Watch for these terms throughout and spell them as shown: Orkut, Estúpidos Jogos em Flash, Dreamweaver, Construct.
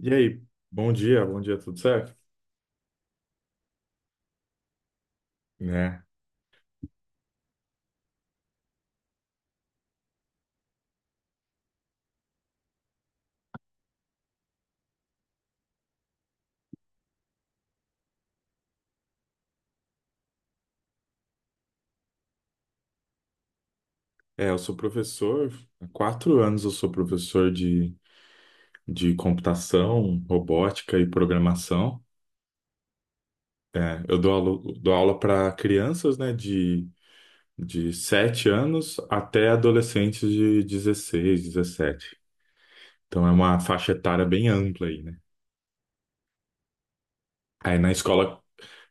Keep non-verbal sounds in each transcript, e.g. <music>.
E aí, bom dia, tudo certo? Né? É, eu sou professor, há 4 anos eu sou professor de, computação, robótica e programação. É, eu dou aula para crianças, né, de 7 anos até adolescentes de 16, 17. Então é uma faixa etária bem ampla aí, né? Aí na escola,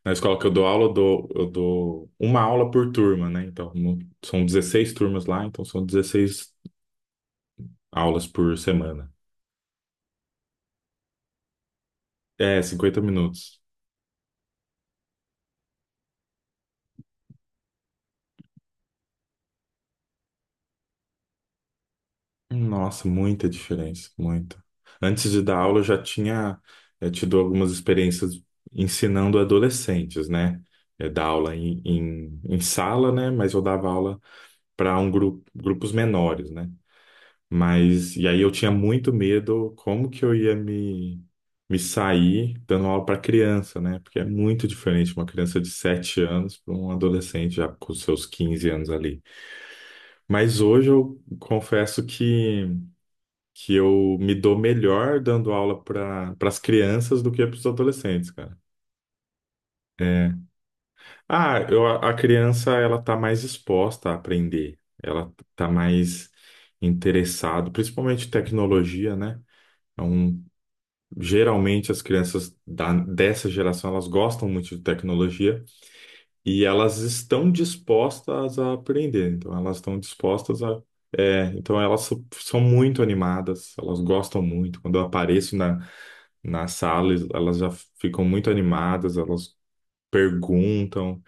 na escola que eu dou aula, eu dou uma aula por turma, né? Então são 16 turmas lá, então são 16 aulas por semana. É, 50 minutos. Nossa, muita diferença, muita. Antes de dar aula, eu já tinha tido algumas experiências ensinando adolescentes, né? Dar aula em sala, né? Mas eu dava aula para um grupo, grupos menores, né? Mas, e aí eu tinha muito medo como que eu ia me sair dando aula para criança, né? Porque é muito diferente uma criança de 7 anos para um adolescente já com seus 15 anos ali. Mas hoje eu confesso que eu me dou melhor dando aula para as crianças do que para os adolescentes, cara. É. Ah, a criança ela tá mais exposta a aprender, ela tá mais interessada, principalmente tecnologia, né? Então, geralmente as crianças dessa geração elas gostam muito de tecnologia. E elas estão dispostas a aprender, então elas estão dispostas a. É, então elas são muito animadas, elas gostam muito. Quando eu apareço na sala, elas já ficam muito animadas, elas perguntam.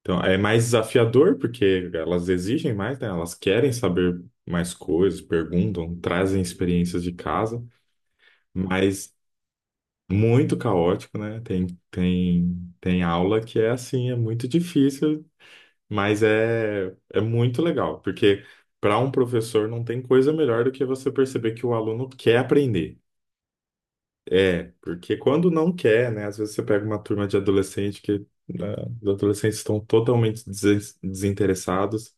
Então é mais desafiador, porque elas exigem mais, né? Elas querem saber mais coisas, perguntam, trazem experiências de casa, mas muito caótico, né? Tem aula que é assim, é muito difícil. Mas é muito legal, porque para um professor não tem coisa melhor do que você perceber que o aluno quer aprender. É, porque quando não quer, né? Às vezes você pega uma turma de adolescente que né, os adolescentes estão totalmente desinteressados.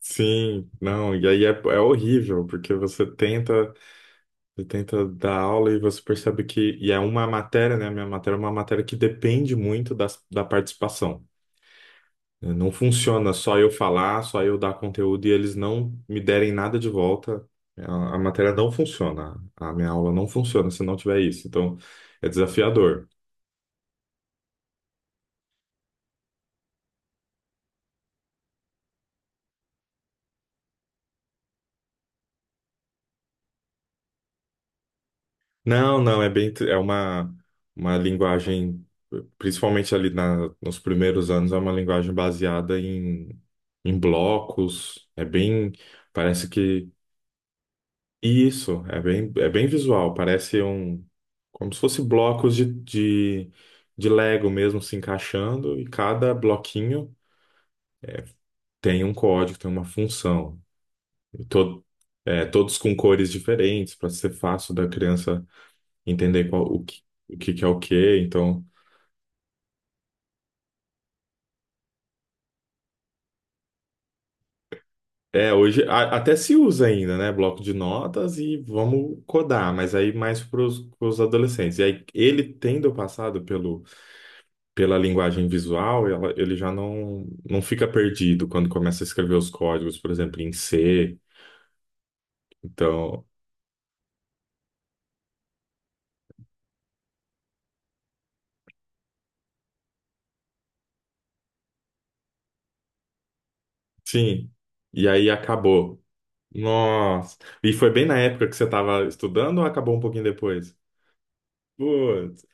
Sim, não, e aí é horrível, porque você tenta dar aula e você percebe que, e é uma matéria, né? A minha matéria é uma matéria que depende muito da participação. Não funciona só eu falar, só eu dar conteúdo e eles não me derem nada de volta. A matéria não funciona. A minha aula não funciona se não tiver isso. Então, é desafiador. Não, não, é bem, é uma linguagem, principalmente ali nos primeiros anos, é uma linguagem baseada em blocos. É bem, parece que. Isso, é bem visual, parece um, como se fosse blocos de Lego mesmo se encaixando, e cada bloquinho tem um código, tem uma função. E é, todos com cores diferentes, para ser fácil da criança entender qual, o que que é o que. Então, é, hoje até se usa ainda, né? Bloco de notas e vamos codar, mas aí mais para os adolescentes. E aí, ele tendo passado pelo. Pela linguagem visual, ele já não fica perdido quando começa a escrever os códigos, por exemplo, em C. Então, sim. E aí acabou. Nossa. E foi bem na época que você estava estudando ou acabou um pouquinho depois? Putz.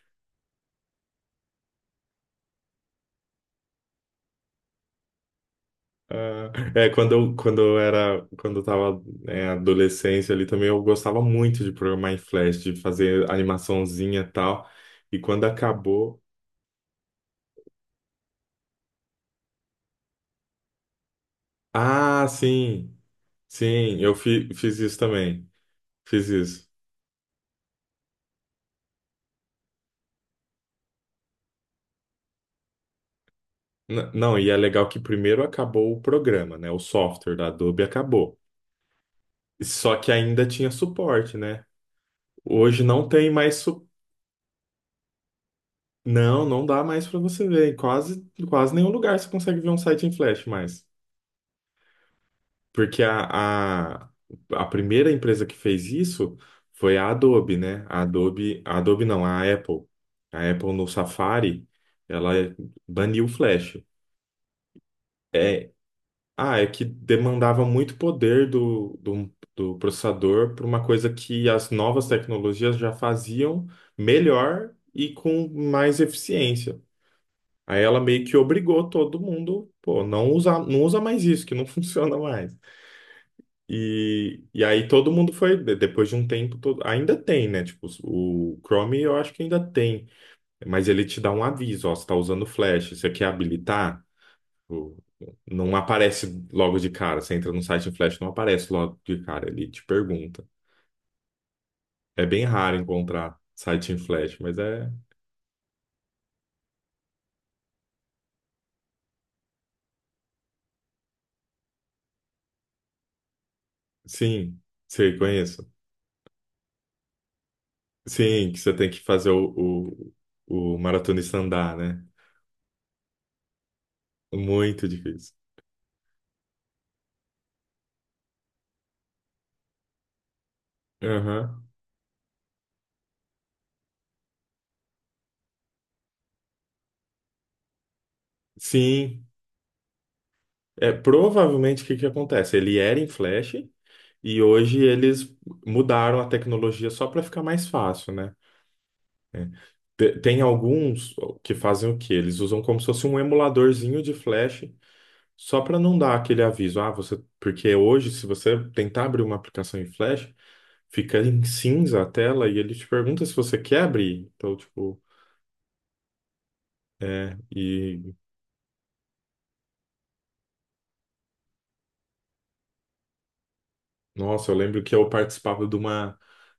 Ah, é, quando eu tava, né, adolescência ali também, eu gostava muito de programar em Flash, de fazer animaçãozinha e tal. E quando acabou. Ah, sim, sim, eu fiz isso também. Fiz isso. Não, e é legal que primeiro acabou o programa, né? O software da Adobe acabou. Só que ainda tinha suporte, né? Hoje não tem mais. Não, não dá mais para você ver. Em quase, quase nenhum lugar você consegue ver um site em Flash mais. Porque a primeira empresa que fez isso foi a Adobe, né? A Adobe não, a Apple. A Apple no Safari, ela baniu o Flash. É, ah, é que demandava muito poder do processador para uma coisa que as novas tecnologias já faziam melhor e com mais eficiência. Aí ela meio que obrigou todo mundo, pô, não usa, não usa mais isso, que não <laughs> funciona mais. E aí todo mundo foi, depois de um tempo, todo, ainda tem, né? Tipo, o Chrome eu acho que ainda tem, mas ele te dá um aviso, ó, você está usando flash, você quer habilitar? Tipo, não aparece logo de cara. Você entra no site em flash, não aparece logo de cara. Ele te pergunta. É bem raro encontrar site em flash, mas é. Sim, você conhece. Sim, que você tem que fazer o maratonista andar, né? Muito difícil. Aham. Sim. É, provavelmente o que que acontece? Ele era em flash e hoje eles mudaram a tecnologia só para ficar mais fácil, né? Tem alguns que fazem o quê? Eles usam como se fosse um emuladorzinho de Flash, só para não dar aquele aviso. Ah, você. Porque hoje, se você tentar abrir uma aplicação em Flash, fica em cinza a tela e ele te pergunta se você quer abrir. Então, tipo, é. E, nossa, eu lembro que eu participava de uma,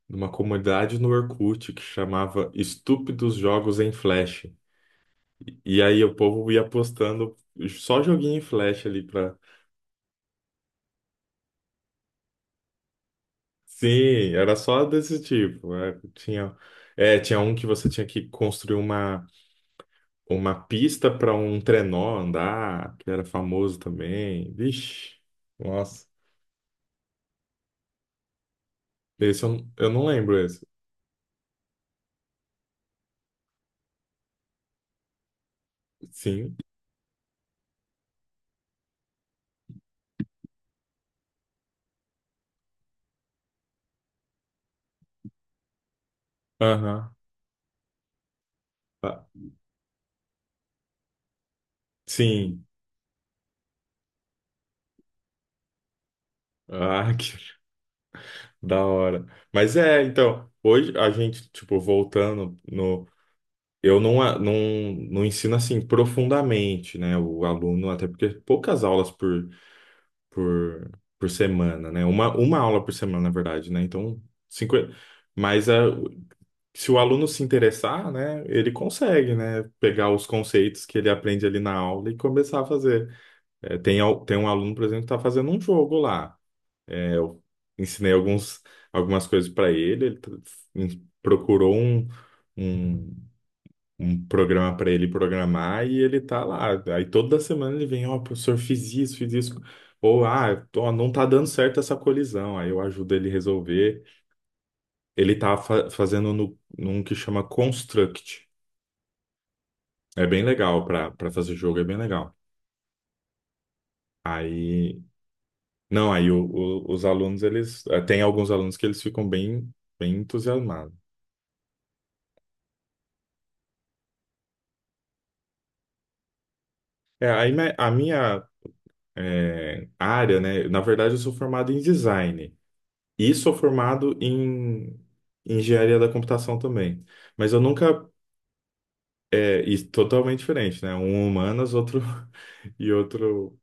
de uma comunidade no Orkut que chamava Estúpidos Jogos em Flash. E aí o povo ia postando só joguinho em Flash ali. Sim, era só desse tipo. Tinha um que você tinha que construir uma pista para um trenó andar, que era famoso também. Vixe, nossa. Esse eu não lembro esse. Sim. Aham. Ah, sim. Ah, <laughs> que da hora. Mas é, então, hoje a gente, tipo, voltando no. Eu não ensino assim profundamente, né? O aluno, até porque poucas aulas por por, por semana, né? Uma aula por semana, na verdade, né? Então, 50, mas se o aluno se interessar, né, ele consegue, né, pegar os conceitos que ele aprende ali na aula e começar a fazer. Tem um aluno, por exemplo, que está fazendo um jogo lá. Eu ensinei alguns, algumas coisas para ele, ele procurou um um programa para ele programar e ele tá lá. Aí toda semana ele vem, ó, professor, fiz isso, fiz isso. Ou, ah, ó, não tá dando certo essa colisão. Aí eu ajudo ele resolver. Ele tá fazendo no, num que chama Construct. É bem legal para fazer jogo, é bem legal. Aí, não, aí os alunos, eles, tem alguns alunos que eles ficam bem, bem entusiasmados. É, aí a minha área, né, na verdade eu sou formado em design. E sou formado em engenharia da computação também. Mas eu nunca. É, e totalmente diferente, né? Um humanas, outro. <laughs> E outro.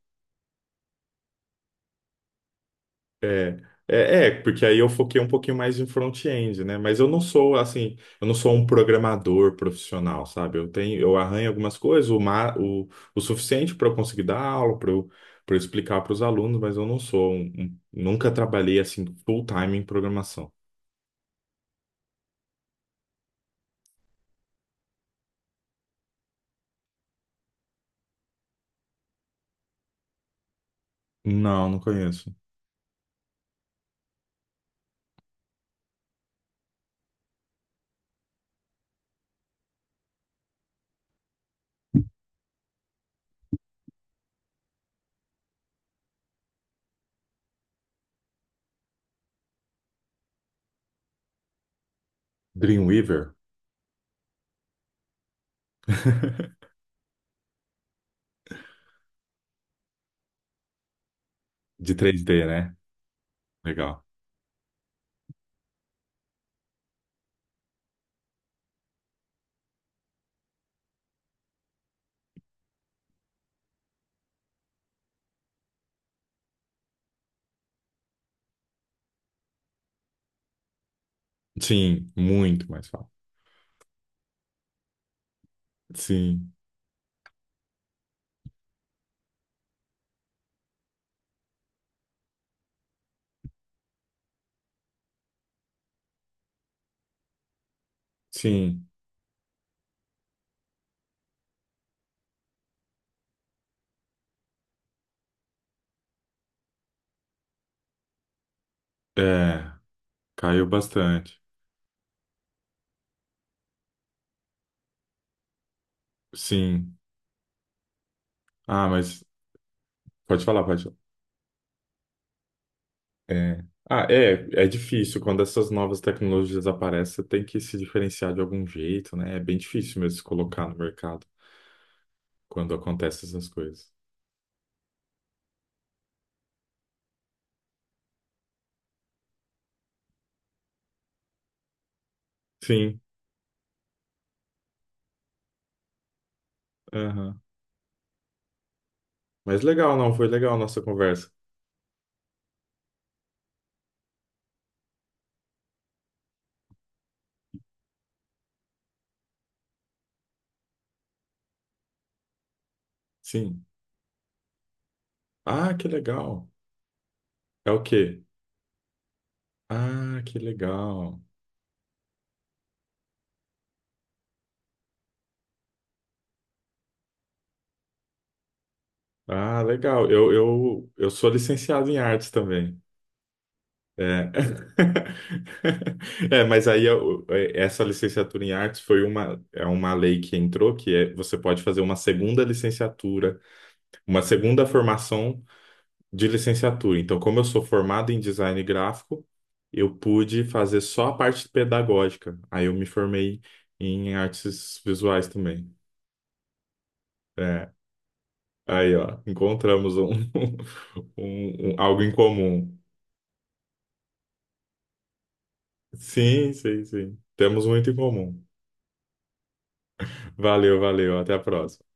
É, é, porque aí eu foquei um pouquinho mais em front-end, né? Mas eu não sou, assim. Eu não sou um programador profissional, sabe? Eu tenho, eu arranho algumas coisas, o suficiente para eu conseguir dar aula, para explicar para os alunos, mas eu não sou. Nunca trabalhei, assim, full-time em programação. Não, não conheço. Dreamweaver? <laughs> De 3D né? Legal. Sim, muito mais fácil. Sim, sim. É, caiu bastante. Sim. Ah, mas pode falar, pode falar. É. Ah, é difícil. Quando essas novas tecnologias aparecem, você tem que se diferenciar de algum jeito, né? É bem difícil mesmo se colocar no mercado quando acontecem essas coisas. Sim. Aham. Mas legal, não, foi legal a nossa conversa. Sim. Ah, que legal. É o quê? Ah, que legal. Ah, legal. Eu sou licenciado em artes também. É. <laughs> É, mas aí essa licenciatura em artes foi uma, é uma lei que entrou, que é, você pode fazer uma segunda licenciatura, uma segunda formação de licenciatura. Então, como eu sou formado em design gráfico, eu pude fazer só a parte pedagógica. Aí eu me formei em artes visuais também. É, aí, ó, encontramos um, <laughs> algo em comum. Sim, sim, sim. Temos muito em comum. Valeu, valeu. Até a próxima.